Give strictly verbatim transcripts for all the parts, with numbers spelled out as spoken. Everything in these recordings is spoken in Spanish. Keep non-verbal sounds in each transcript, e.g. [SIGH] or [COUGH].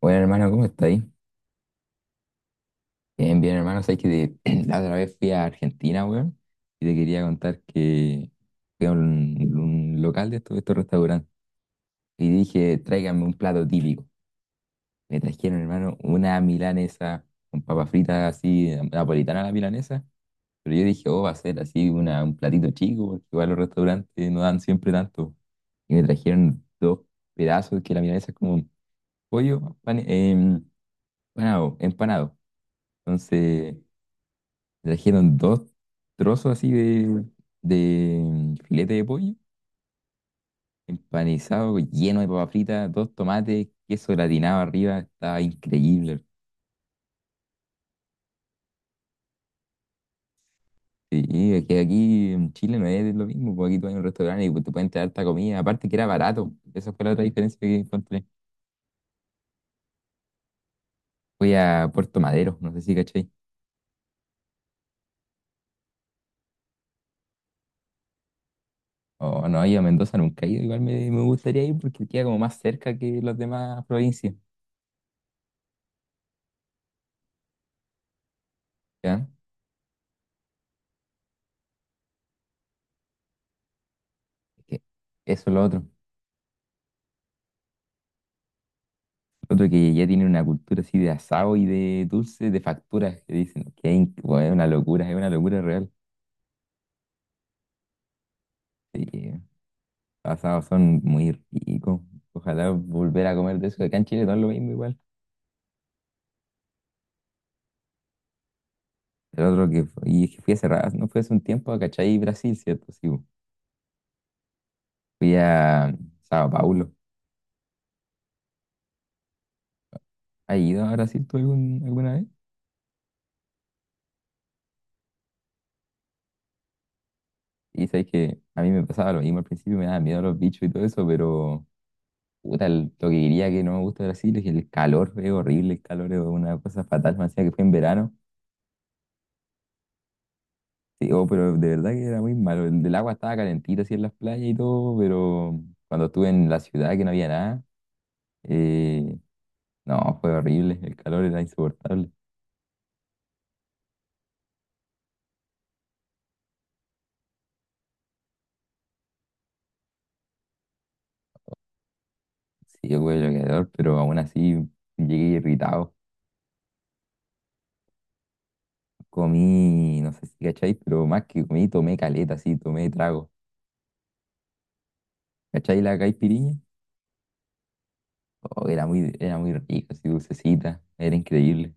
Bueno, hermano, ¿cómo estáis? Bien, bien, hermano. Sabes que de- [CLEARS THROAT] la otra vez fui a Argentina, weón, y te quería contar que fui a un, un local de estos, de estos restaurantes y dije, tráiganme un plato típico. Me trajeron, hermano, una milanesa con papas fritas así, napolitana la milanesa. Pero yo dije, oh, va a ser así una, un platito chico, porque igual los restaurantes no dan siempre tanto. Y me trajeron dos pedazos, que la milanesa es como un pollo empane- em, empanado, empanado. Entonces. Trajeron dos trozos así de, de filete de pollo, empanizado, lleno de papa frita, dos tomates, queso gratinado arriba, estaba increíble. Sí, es que aquí en Chile no es lo mismo, porque aquí tú vas a un restaurante y te pueden traer harta comida, aparte que era barato, esa fue la otra diferencia que encontré. Fui a Puerto Madero, no sé si cachai. O no, yo a Mendoza nunca he ido, igual me, me gustaría ir porque queda como más cerca que las demás provincias, ¿ya? Es que Eso es lo otro. Otro que ya tiene una cultura así de asado y de dulce, de facturas, que dicen que hay- bueno, es una locura, es una locura real. Sí, eh, asados son muy ricos. Ojalá volver a comer de eso. Acá en Chile no es lo mismo igual. El otro que fue, y es que fui hace rato, no fue hace un tiempo a Cachai, Brasil, ¿cierto? Sí, bu. Fui a Sao Paulo. ¿Has ido a Brasil tú algún- alguna vez? Y sabes que a mí me pasaba lo mismo al principio, me daba miedo los bichos y todo eso, pero. Puta, el- lo que diría que no me gusta de Brasil es que el calor es horrible, el calor es una cosa fatal, me decía que fue en verano. Sí, oh, pero de verdad que era muy malo. El del agua estaba calentita así en las playas y todo, pero cuando estuve en la ciudad que no había nada, eh, no, fue horrible, el calor era insoportable. Sí, yo fue calor, pero aún así llegué irritado. Comí, no sé si cachai, pero más que comí, tomé caleta, sí, tomé trago. ¿Cachai la caipiriña? Oh, era muy, era muy rica, así dulcecita, era increíble.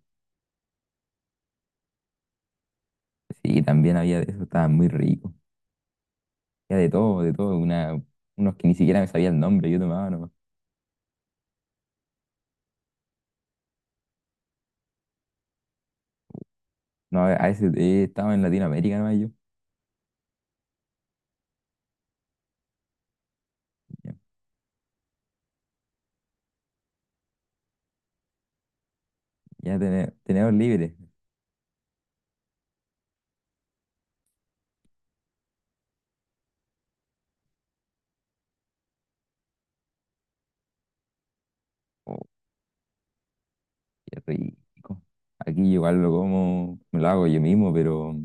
Sí, también había de eso, estaba muy rico. Había de todo, de todo, una, unos que ni siquiera me sabía el nombre, yo tomaba nomás. No, a a veces eh, estaba en Latinoamérica nomás yo. Ya, ya tene- tenedor libre. Oh, qué rico. Aquí yo igual lo como, me lo hago yo mismo, pero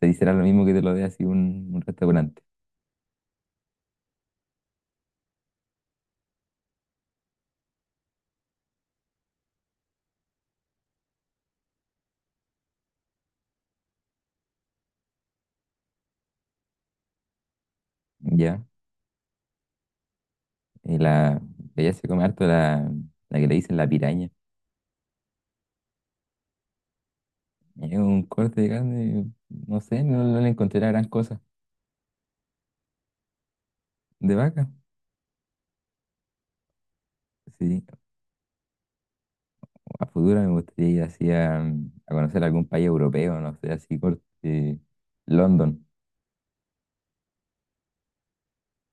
se dice lo mismo que te lo dé así un, un restaurante. Ya, y la, allá se come harto la, la que le dicen la piraña. Es un corte de carne, no sé, no, no le encontré la gran cosa. ¿De vaca? Sí. A futuro me gustaría ir así a, a conocer algún país europeo, no sé, así corte London.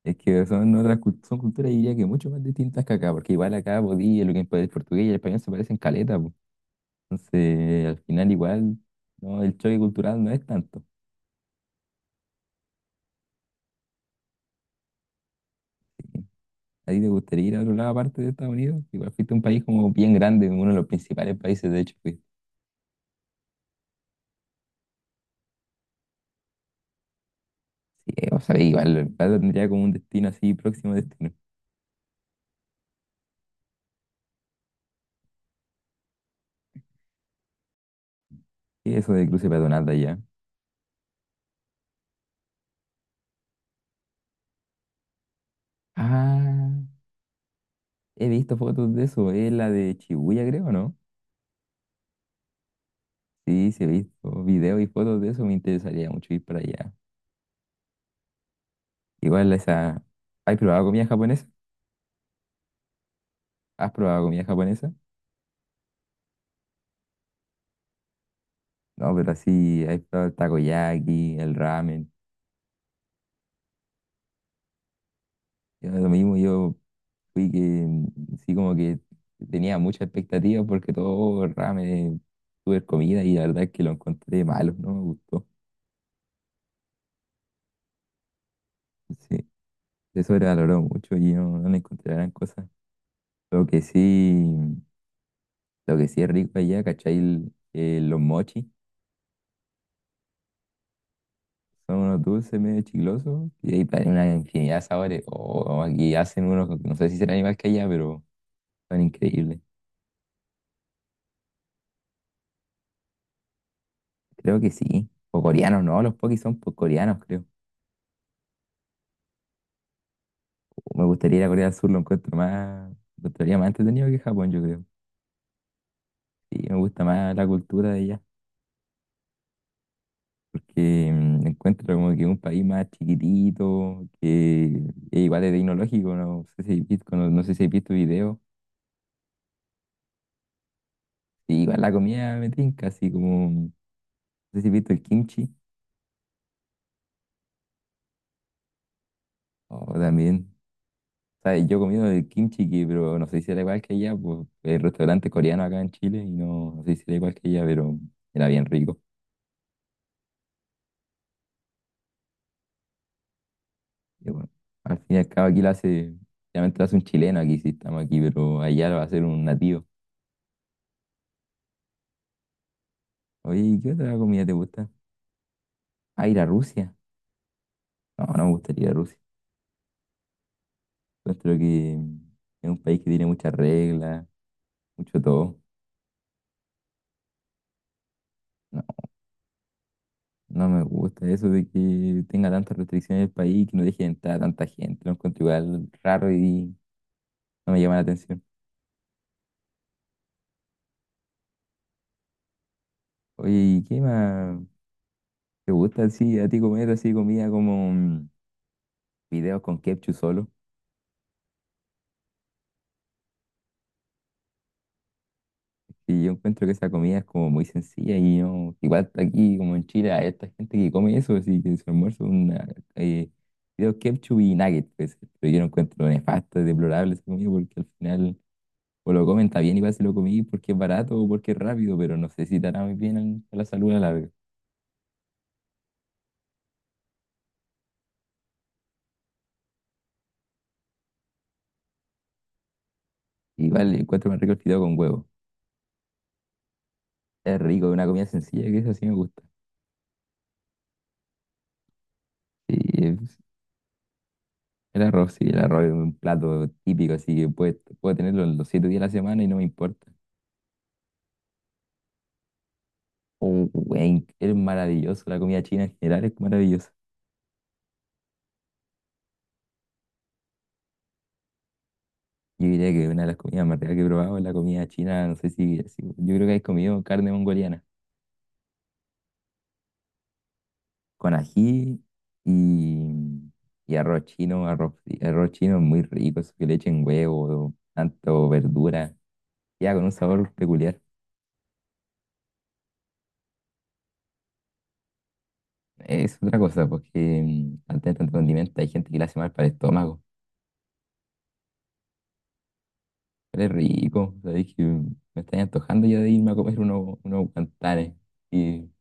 Es que son otras cult- son culturas, diría que mucho más distintas que acá, porque igual acá podía, lo que es el portugués y el español se parecen caleta, po. Entonces, al final igual, no, el choque cultural no es tanto. ¿A ti te gustaría ir a otro lado aparte de Estados Unidos? Igual fuiste a un país como bien grande, uno de los principales países, de hecho, fuiste. Sí, o sea, igual, igual tendría como un destino así, próximo destino. ¿Qué es eso de cruce peatonal de allá? Ah. He visto fotos de eso, es la de Chibuya, creo, ¿no? Sí, sí, he visto videos y fotos de eso, me interesaría mucho ir para allá. Igual esa. ¿Has probado comida japonesa? ¿Has probado comida japonesa? No, pero así, has probado el takoyaki, el ramen. Yo, lo mismo, yo fui que, mm, sí, como que tenía mucha expectativa porque todo el ramen, tuve comida y la verdad es que lo encontré malo, no me gustó. Sí, se sobrevaloró mucho y no, no le encontré gran cosa. Lo que sí. Lo que sí es rico allá, ¿cachai? El- eh, los mochi son unos dulces medio chiclosos y hay pa- una infinidad de sabores. O aquí hacen unos, no sé si serán igual que allá, pero son increíbles. Creo que sí. O coreanos, no, los pokis son po- coreanos, creo. O Me gustaría ir a Corea del Sur, lo encuentro más, lo encontraría más entretenido que Japón, yo creo. Sí, me gusta más la cultura de allá, porque mm, encuentro como que es un país más chiquitito, que es igual de tecnológico, no sé si he visto, no, no sé si he visto videos. Sí, igual la comida me tinca, así como, no sé si has visto el kimchi, o también, ¿sabes? Yo he comido el kimchi, que, pero no sé si era igual que allá, pues el restaurante coreano acá en Chile, y no, no sé si era igual que allá, pero era bien rico. Y bueno, al fin y al cabo aquí lo hace, realmente lo hace un chileno, aquí sí estamos aquí, pero allá lo va a hacer un nativo. Oye, ¿y qué otra comida te gusta? Ah, ir a Rusia. No, no me gustaría ir a Rusia. Encuentro que es un país que tiene muchas reglas, mucho todo. No, no me gusta eso de que tenga tantas restricciones el país, que no deje de entrar a tanta gente. Lo encuentro igual raro y no me llama la atención. Oye, ¿y qué más te gusta así a ti comer así comida como mm, fideos con ketchup solo? Y yo encuentro que esa comida es como muy sencilla y no, igual aquí como en Chile hay esta gente que come eso, así que su almuerzo es una eh, fideos ketchup y nuggets, pues, pero yo lo encuentro nefasto, deplorable esa comida porque al final o lo comen, está bien, igual se lo comí porque es barato o porque es rápido, pero no sé si te hará muy bien en- a la salud a la larga. Igual encuentro más rico el fideo con huevo. Es rico, es una comida sencilla que eso sí me gusta. Sí, es- el arroz, sí, el arroz es un plato típico, así que puede- puedo tenerlo los siete días de la semana y no me importa. Oh, wey, es maravilloso, la comida china en general es maravillosa. Yo diría que una de las comidas más ricas que he probado es la comida china, no sé si, si- yo creo que has comido carne mongoliana. Con ají y, y arroz chino, arroz, fri- arroz chino muy rico, eso que le echen huevo, tanto verdura, ya con un sabor peculiar. Es otra cosa, porque mm, al tener tanto condimento hay gente que le hace mal para el estómago, pero es rico, sabéis que me estoy antojando ya de irme a comer unos unos guantanes. Y,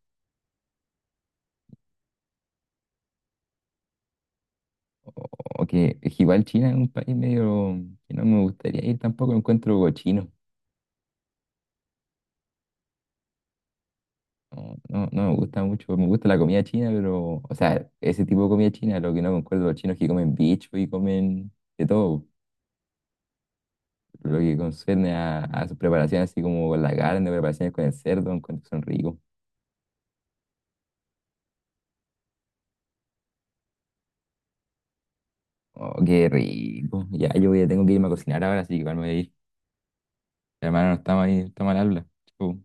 o, o que es que igual China es un país medio que no me gustaría ir tampoco, lo encuentro cochino. No, no, no me gusta mucho. Me gusta la comida china, pero, o sea, ese tipo de comida china, lo que no concuerdo los chinos es que comen bicho y comen de todo. Lo que concierne a, a sus preparaciones, así como con la carne, preparaciones con el cerdo, encuentro que son ricos. Oh, qué rico. Ya, yo ya tengo que irme a cocinar ahora, así que igual me voy a ir. Hermano, no está mal, está mal habla. Chau.